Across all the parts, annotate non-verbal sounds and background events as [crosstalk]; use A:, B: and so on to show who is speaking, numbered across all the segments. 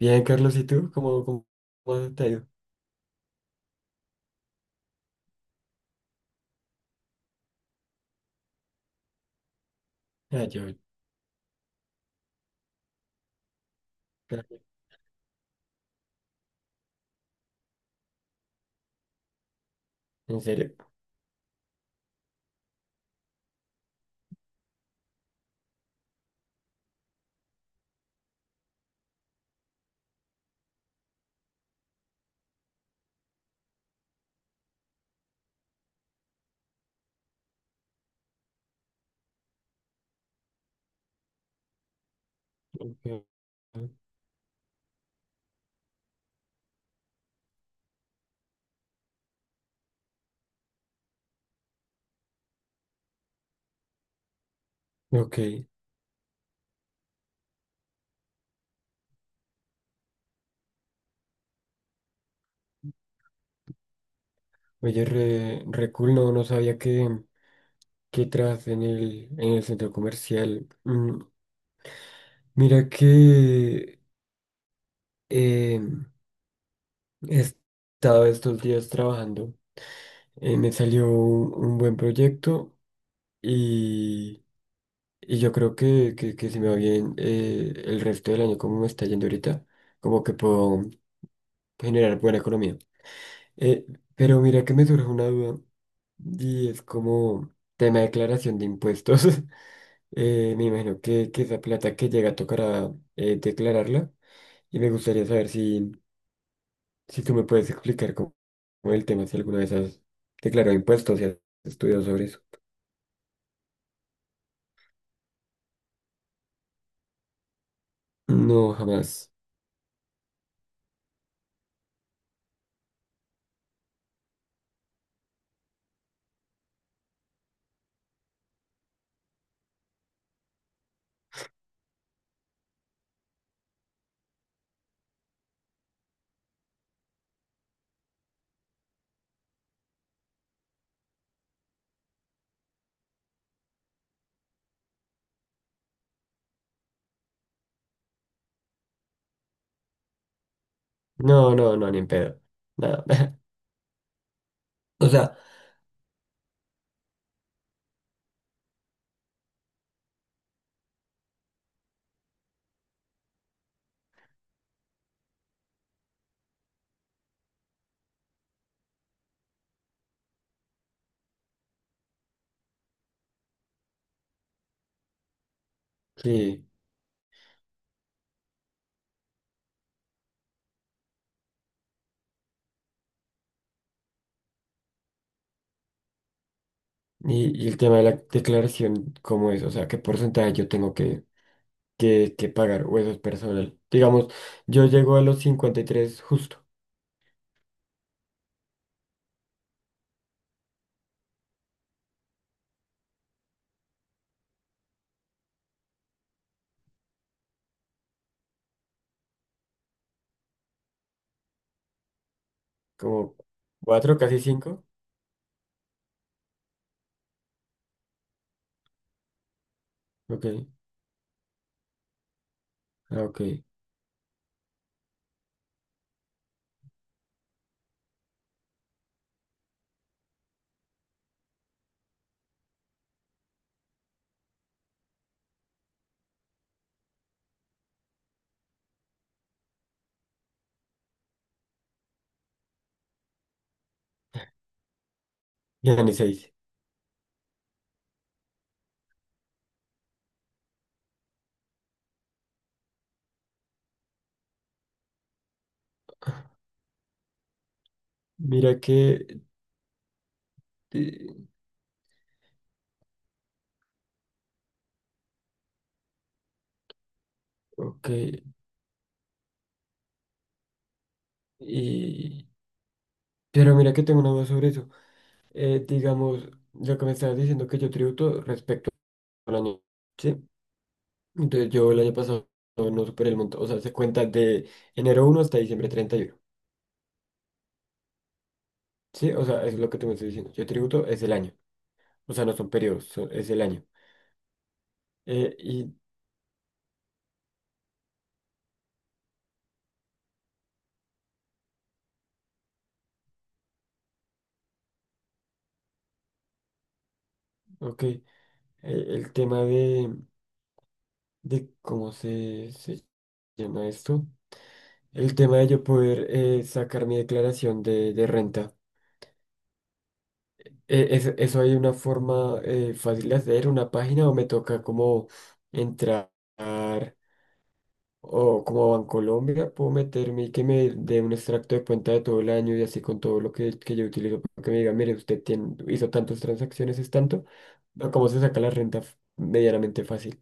A: Bien, Carlos, ¿y tú? ¿Cómo te ha ido? Ah, yo, Gracias. ¿En serio? Ok. Ok. Oye, re cool, no sabía que tras en el centro comercial. Mira que eh, he estado estos días trabajando. Me salió un buen proyecto y, y yo creo que si me va bien, el resto del año, como me está yendo ahorita, como que puedo generar buena economía. Eh, pero mira que me surge una duda y es como tema de declaración de impuestos. [laughs] Me imagino que esa plata que llega tocará declararla, y me gustaría saber si tú me puedes explicar cómo, cómo el tema, si alguna vez has declarado impuestos y has estudiado sobre eso. No, jamás. No, no, no, ni en pedo. Nada. [laughs] O sea, sí. Y el tema de la declaración, ¿cómo es? O sea, ¿qué porcentaje yo tengo que... que pagar, o eso es personal? Digamos, yo llego a los 53 justo, como cuatro, casi cinco. Ok, ah, ok. Ya ni 6. Mira que, eh, ok, y... Pero mira que tengo una duda sobre eso. Digamos, lo que me estabas diciendo, que yo tributo respecto al año, ¿sí? Entonces yo el año pasado no superé el monto, o sea, se cuenta de enero uno hasta diciembre treinta y uno, ¿sí? O sea, eso es lo que tú me estás diciendo. Yo tributo es el año, o sea, no son periodos, son- es el año. Eh, y, ok, el tema de cómo se llama esto, el tema de yo poder, sacar mi declaración de renta. ¿Eso, eso hay una forma, fácil de hacer, una página, o me toca como entrar, o como Bancolombia, puedo meterme y que me dé un extracto de cuenta de todo el año, y así con todo lo que yo utilizo, para que me diga, mire, usted tiene, hizo tantas transacciones, es tanto, o cómo se saca la renta medianamente fácil?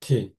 A: Sí.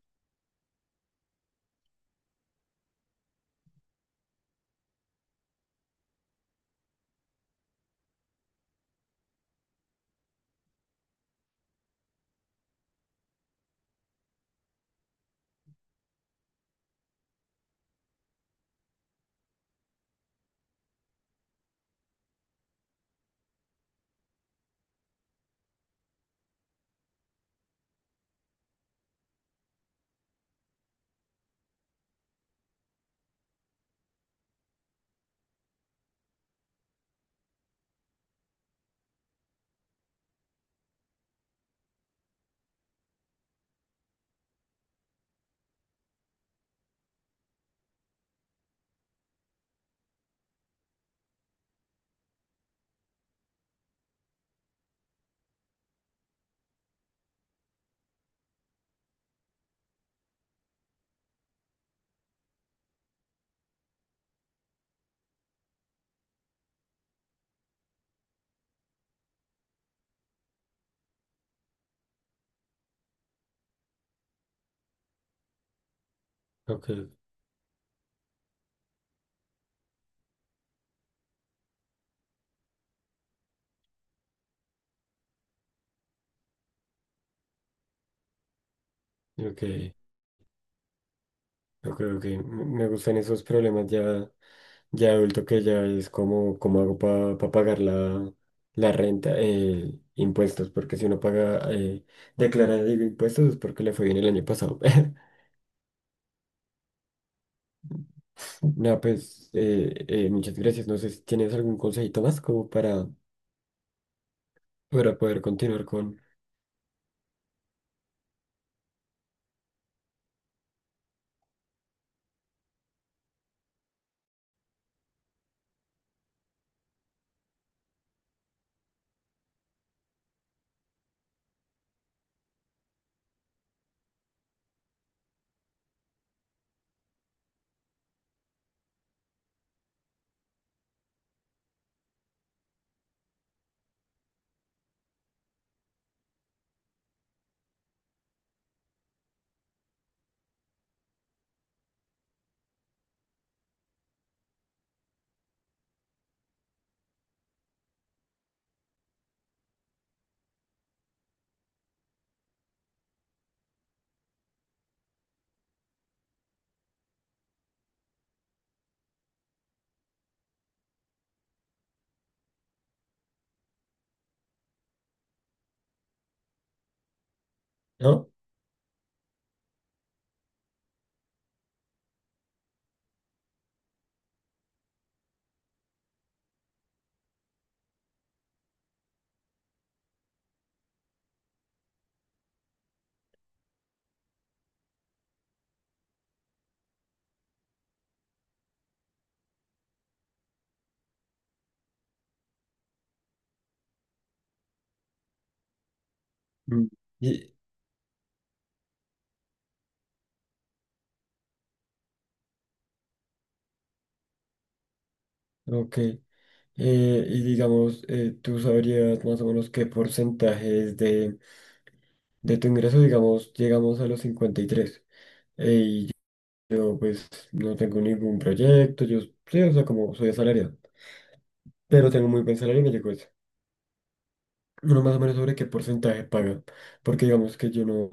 A: Ok, ok, ok, ok. Me gustan esos problemas ya, ya adulto, que ya es como, cómo hago para pagar la renta, impuestos, porque si uno paga, declara, digo, impuestos, es porque le fue bien el año pasado. [laughs] No, pues muchas gracias. No sé si tienes algún consejito más como para poder continuar con, ¿no? Mm. Y, ok. Y digamos, ¿tú sabrías más o menos qué porcentaje es de tu ingreso? Digamos, llegamos a los 53, y yo, pues, no tengo ningún proyecto. Yo, sí, o sea, como soy asalariado, pero tengo muy buen salario y me llegó eso. Uno más o menos sobre qué porcentaje paga. Porque digamos que yo no,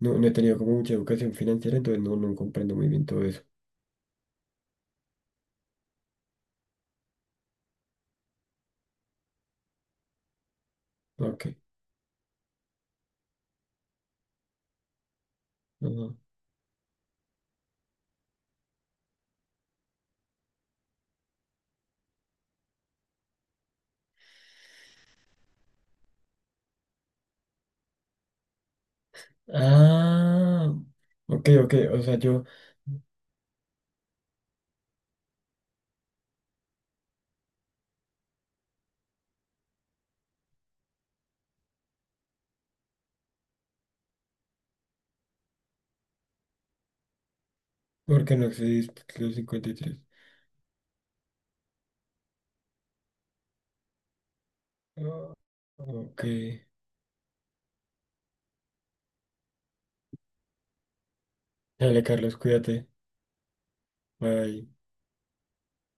A: no, no he tenido como mucha educación financiera, entonces no, no comprendo muy bien todo eso. Ok. Ajá. Ah, ok, ok. O sea, yo, porque no accedí a los 53. Ah, ok. Dale, Carlos, cuídate. Bye.